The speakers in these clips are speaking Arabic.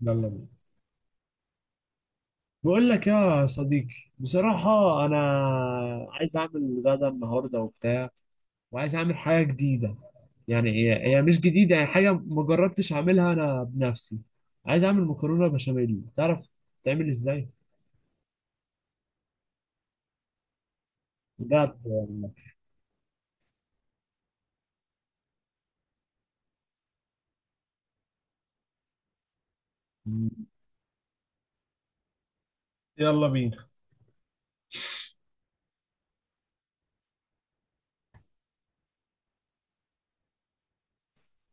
يلا بينا. بقول لك يا صديقي، بصراحة أنا عايز أعمل غدا النهاردة وبتاع، وعايز أعمل حاجة جديدة. يعني هي مش جديدة، يعني حاجة ما جربتش أعملها أنا بنفسي. عايز أعمل مكرونة بشاميل. تعرف تعمل إزاي؟ بجد والله. يلا بينا.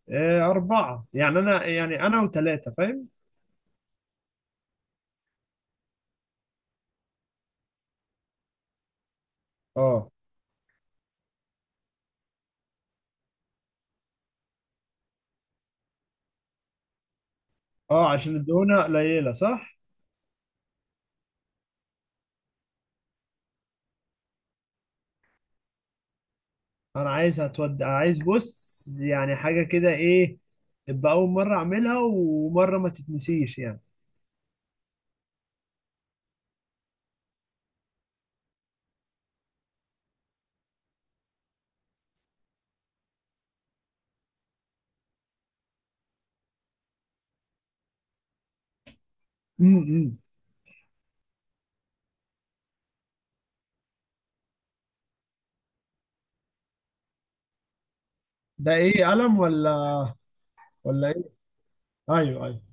إيه، أربعة، يعني أنا وتلاتة، فاهم؟ أه. أه، عشان الدهونة قليلة صح؟ انا عايز هتودع، عايز بص، يعني حاجه كده، ايه تبقى اول مره اعملها، ومره ما تتنسيش يعني. امم. ده ايه، قلم ولا؟ ولا ايه؟ ايوه ايوه.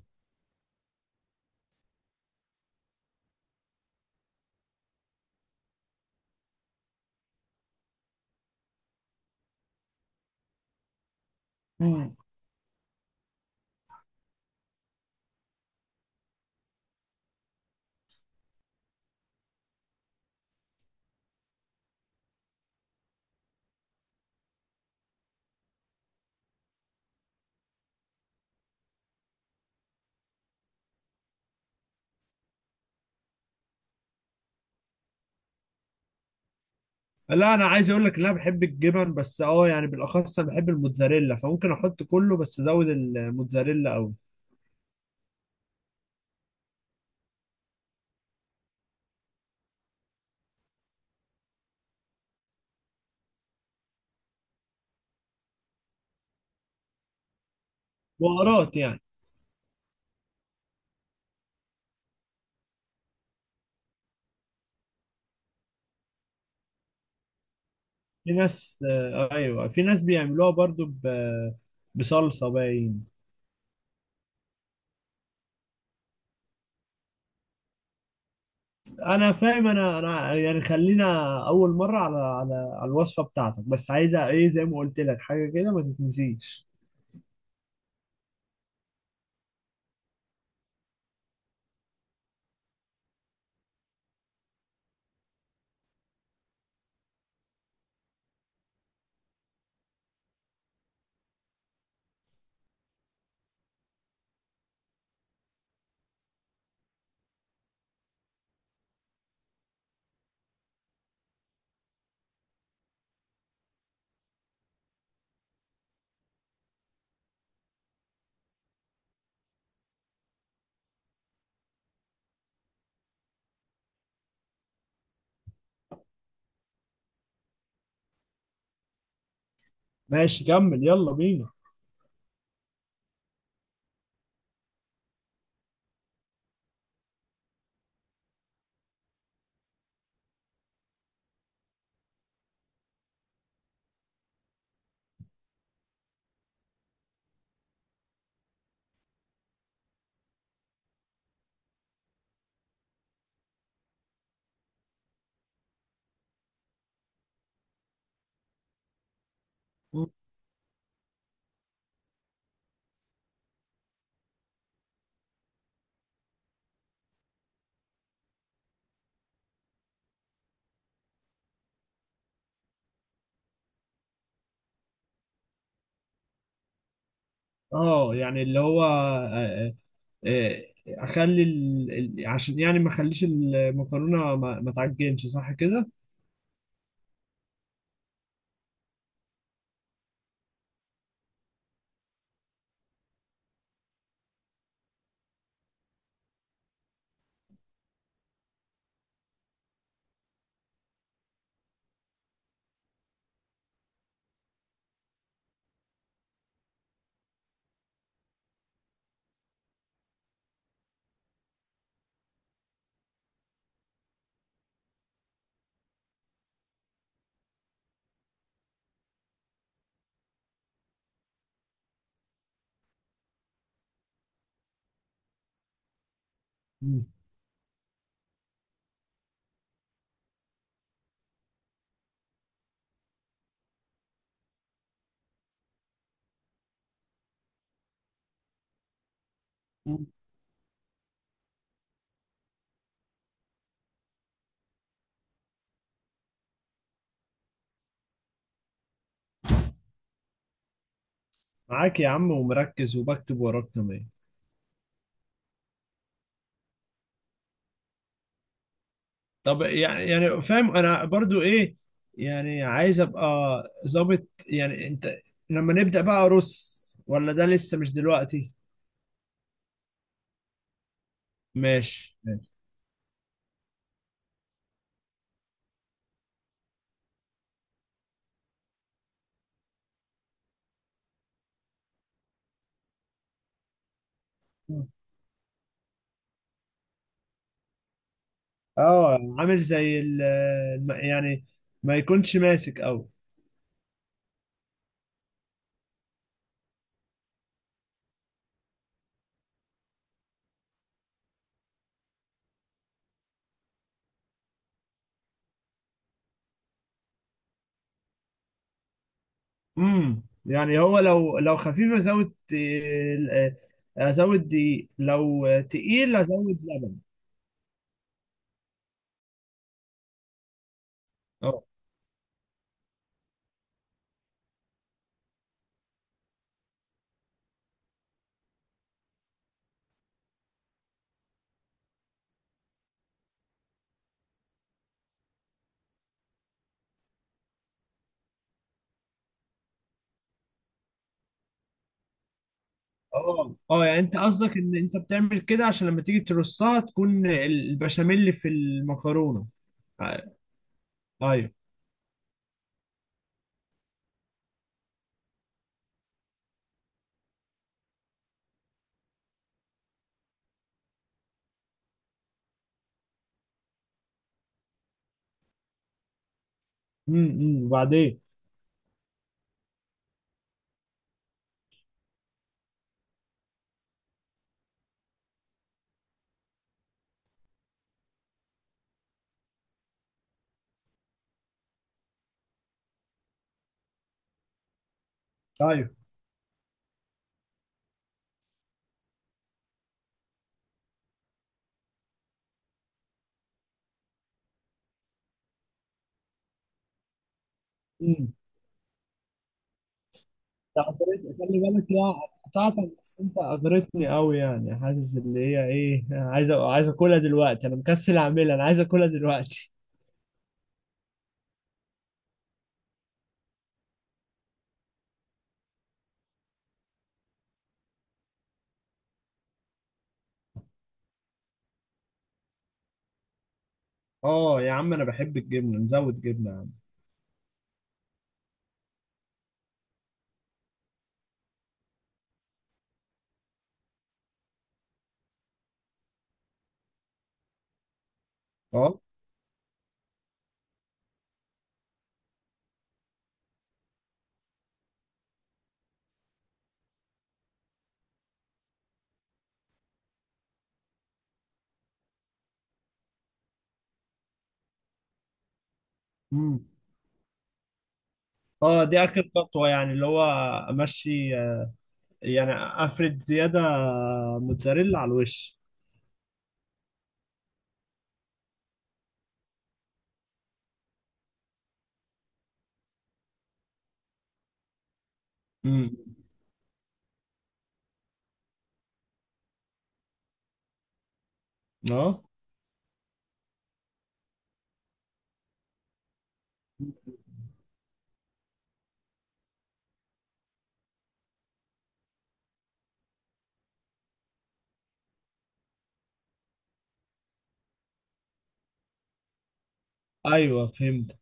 امم. لا، انا عايز اقول لك ان انا بحب الجبن بس، اه يعني بالاخص انا بحب الموتزاريلا، فممكن احط كله بس ازود الموتزاريلا قوي. بهارات يعني. في ناس، ايوه، في ناس بيعملوها برضو بصلصه باين. انا فاهم. انا يعني خلينا اول مره، على الوصفه بتاعتك، بس عايزه ايه زي ما قلت لك، حاجه كده ما تتنسيش. ماشي، كمل، يلا بينا. اه، يعني اللي هو آه، آه، اخلي ال... عشان يعني ما اخليش المكرونه ما تعجنش، صح كده. مم. معاك يا عم، ومركز وبكتب وراك كمان. طب، يعني فاهم. انا برضو ايه يعني، عايز ابقى ظابط يعني انت، لما نبدأ بقى ارص ولا ده لسه مش دلوقتي؟ ماشي ماشي. اه، عامل زي ال- يعني ما يكونش ماسك قوي. يعني هو لو خفيف ازود، ازود دي، لو تقيل ازود لبن. اه. اه. اه، يعني انت قصدك ان انت بتعمل كده عشان لما تيجي ترصها تكون ال- البشاميل في المكرونة. ايوه. أمم. وبعدين؟ ايوه. امم. خلي بالك، لا قطعتك، بس انت اغرتني قوي، يعني حاسس اللي هي ايه، عايز عايز اكلها دلوقتي. انا مكسل اعملها، انا عايز اكلها دلوقتي. اه يا عم، انا بحب الجبنه، نزود جبنه يا عم. اه. امم. اه، دي اخر خطوه، يعني اللي هو امشي، يعني افرد زياده موتزاريلا على الوش. امم. اه، ايوه فهمت.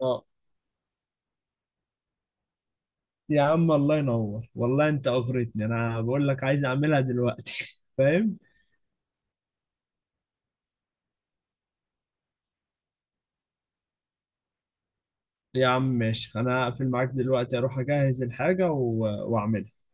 اه يا عم، الله ينور والله، انت اغرتني، انا بقول لك عايز اعملها دلوقتي. فاهم. يا عم ماشي، انا هقفل معاك دلوقتي اروح اجهز الحاجة و... واعملها.